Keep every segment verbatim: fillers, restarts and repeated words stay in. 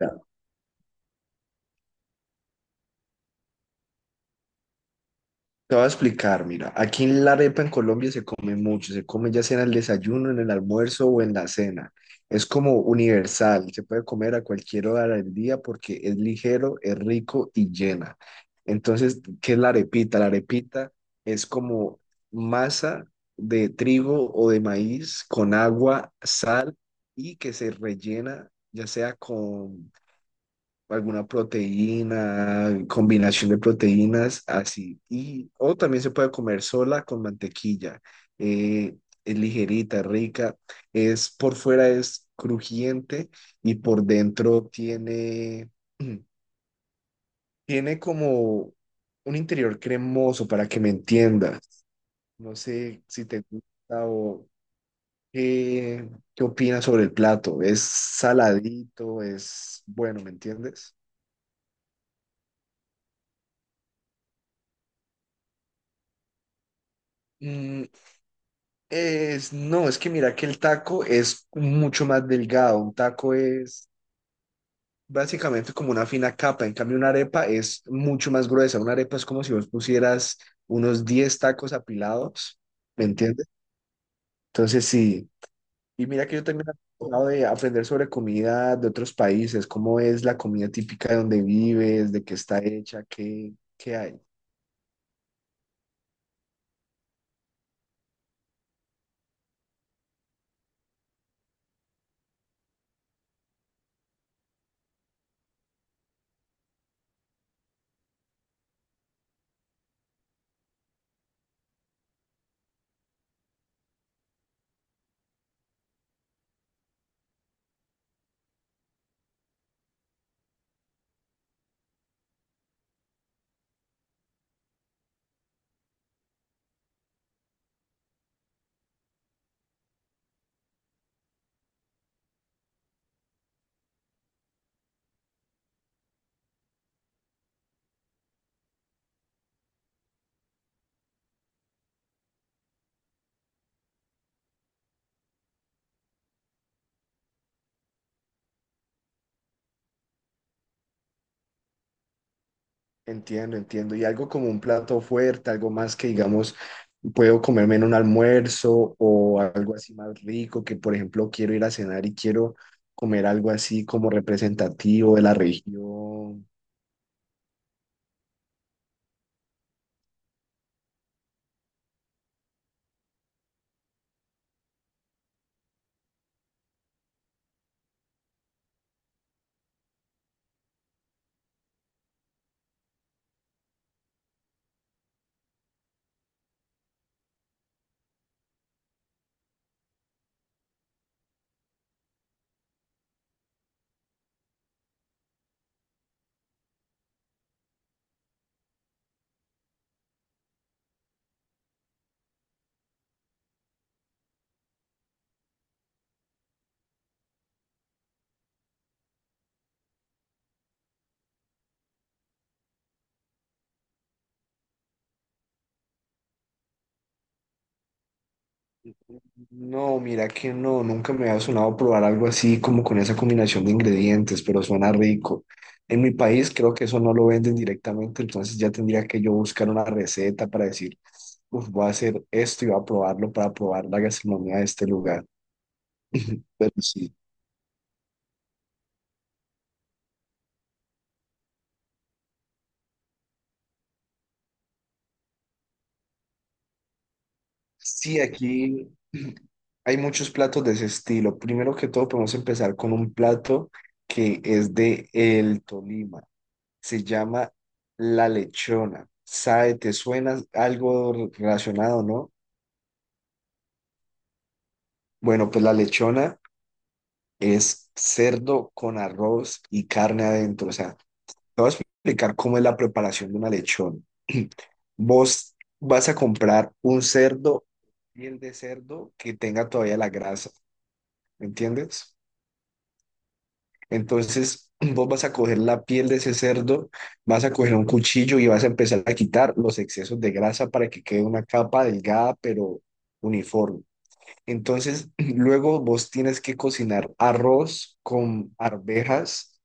Ya, te voy a explicar, mira, aquí en la arepa en Colombia se come mucho, se come ya sea en el desayuno, en el almuerzo o en la cena. Es como universal, se puede comer a cualquier hora del día porque es ligero, es rico y llena. Entonces, ¿qué es la arepita? La arepita es como masa de trigo o de maíz con agua, sal y que se rellena ya sea con alguna proteína, combinación de proteínas, así. Y, o también se puede comer sola con mantequilla. Eh, es ligerita, rica. Es por fuera es crujiente y por dentro tiene, tiene como un interior cremoso para que me entiendas. No sé si te gusta o qué, qué opinas sobre el plato. Es saladito, es bueno, ¿me entiendes? Mm, es, no, es que mira que el taco es mucho más delgado. Un taco es básicamente como una fina capa. En cambio, una arepa es mucho más gruesa. Una arepa es como si vos pusieras unos diez tacos apilados, ¿me entiendes? Entonces, sí. Y mira que yo también he tratado de aprender sobre comida de otros países, cómo es la comida típica de donde vives, de qué está hecha, qué, qué hay. Entiendo, entiendo. Y algo como un plato fuerte, algo más que digamos puedo comerme en un almuerzo o algo así más rico, que por ejemplo quiero ir a cenar y quiero comer algo así como representativo de la región. No, mira que no, nunca me ha sonado probar algo así como con esa combinación de ingredientes, pero suena rico. En mi país creo que eso no lo venden directamente, entonces ya tendría que yo buscar una receta para decir, "Uf, voy a hacer esto y voy a probarlo para probar la gastronomía de este lugar." Pero sí, sí, aquí hay muchos platos de ese estilo. Primero que todo, podemos empezar con un plato que es de el Tolima. Se llama la lechona. ¿Sabe? ¿Te suena algo relacionado, no? Bueno, pues la lechona es cerdo con arroz y carne adentro. O sea, te voy a explicar cómo es la preparación de una lechona. Vos vas a comprar un cerdo, piel de cerdo que tenga todavía la grasa. ¿Me entiendes? Entonces, vos vas a coger la piel de ese cerdo, vas a coger un cuchillo y vas a empezar a quitar los excesos de grasa para que quede una capa delgada pero uniforme. Entonces, luego vos tienes que cocinar arroz con arvejas,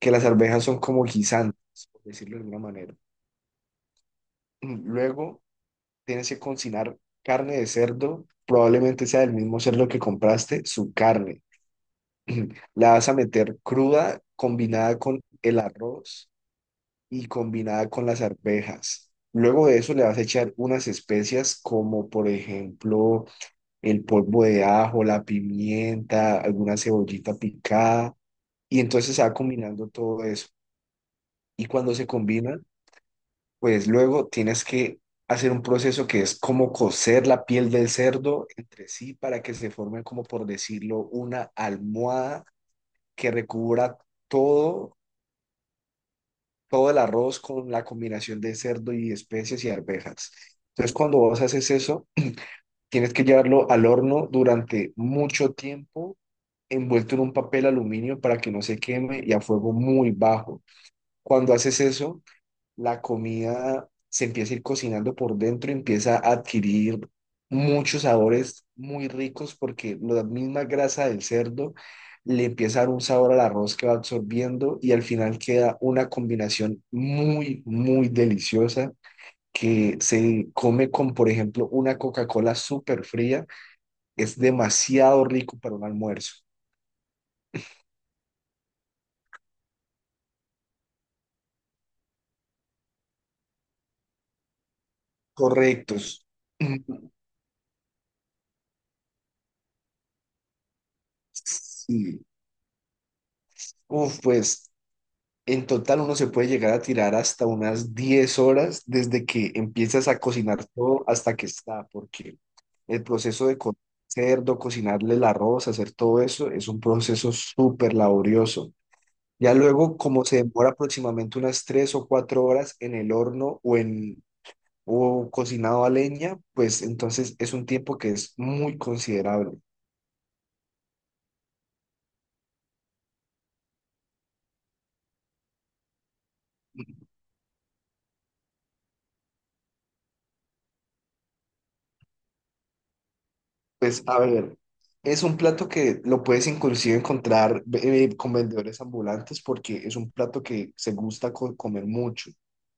que las arvejas son como guisantes, por decirlo de alguna manera. Luego tienes que cocinar carne de cerdo, probablemente sea del mismo cerdo que compraste, su carne. La vas a meter cruda, combinada con el arroz y combinada con las arvejas. Luego de eso le vas a echar unas especias como por ejemplo el polvo de ajo, la pimienta, alguna cebollita picada y entonces se va combinando todo eso. Y cuando se combina, pues luego tienes que hacer un proceso que es como cocer la piel del cerdo entre sí para que se forme como por decirlo una almohada que recubra todo todo el arroz con la combinación de cerdo y especies y arvejas. Entonces, cuando vos haces eso, tienes que llevarlo al horno durante mucho tiempo, envuelto en un papel aluminio para que no se queme y a fuego muy bajo. Cuando haces eso, la comida se empieza a ir cocinando por dentro, empieza a adquirir muchos sabores muy ricos porque la misma grasa del cerdo le empieza a dar un sabor al arroz que va absorbiendo y al final queda una combinación muy, muy deliciosa que se come con, por ejemplo, una Coca-Cola súper fría. Es demasiado rico para un almuerzo. Correctos. Sí. Uf, pues en total uno se puede llegar a tirar hasta unas diez horas desde que empiezas a cocinar todo hasta que está, porque el proceso de cocinar cerdo, cocinarle el arroz, hacer todo eso, es un proceso súper laborioso. Ya luego, como se demora aproximadamente unas tres o cuatro horas en el horno o en o cocinado a leña, pues entonces es un tiempo que es muy considerable. Pues a ver, es un plato que lo puedes inclusive encontrar eh, con vendedores ambulantes porque es un plato que se gusta co- comer mucho,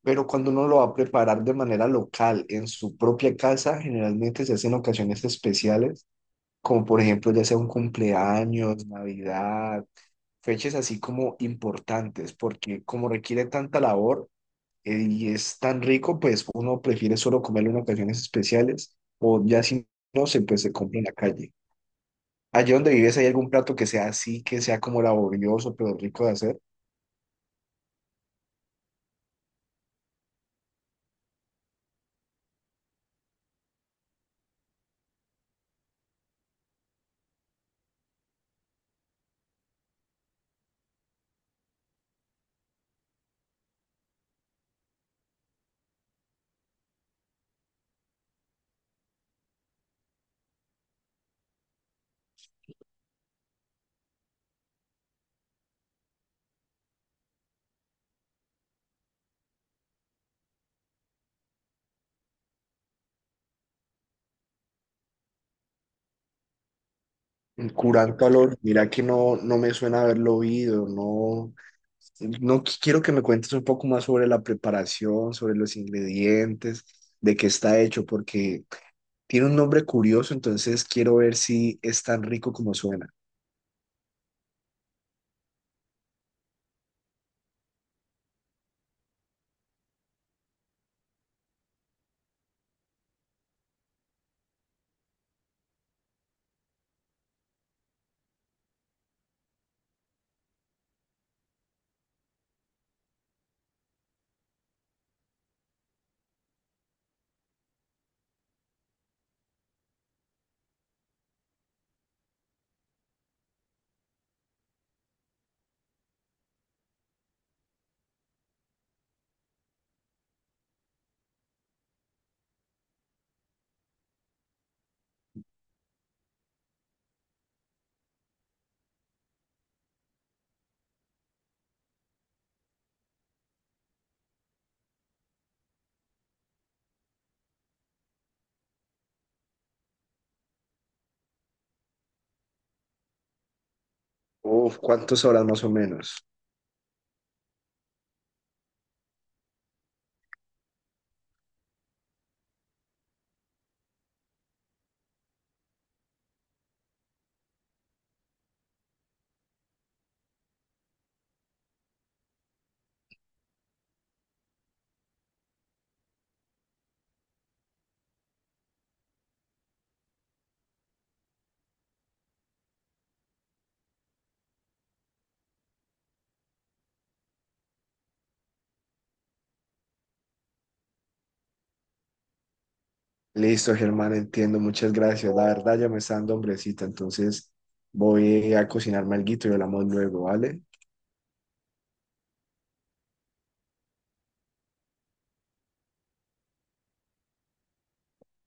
pero cuando uno lo va a preparar de manera local en su propia casa, generalmente se hacen ocasiones especiales, como por ejemplo ya sea un cumpleaños, Navidad, fechas así como importantes, porque como requiere tanta labor eh, y es tan rico, pues uno prefiere solo comerlo en ocasiones especiales o ya si no se pues se compra en la calle. Allí donde vives, ¿hay algún plato que sea así, que sea como laborioso, pero rico de hacer? Un curar calor, mira que no, no me suena haberlo oído, no, no qui- quiero que me cuentes un poco más sobre la preparación, sobre los ingredientes, de qué está hecho, porque tiene un nombre curioso, entonces quiero ver si es tan rico como suena. Uf, ¿cuántas horas más o menos? Listo, Germán, entiendo, muchas gracias. La verdad ya me está dando hombrecita, entonces voy a cocinarme alguito y hablamos luego, ¿vale?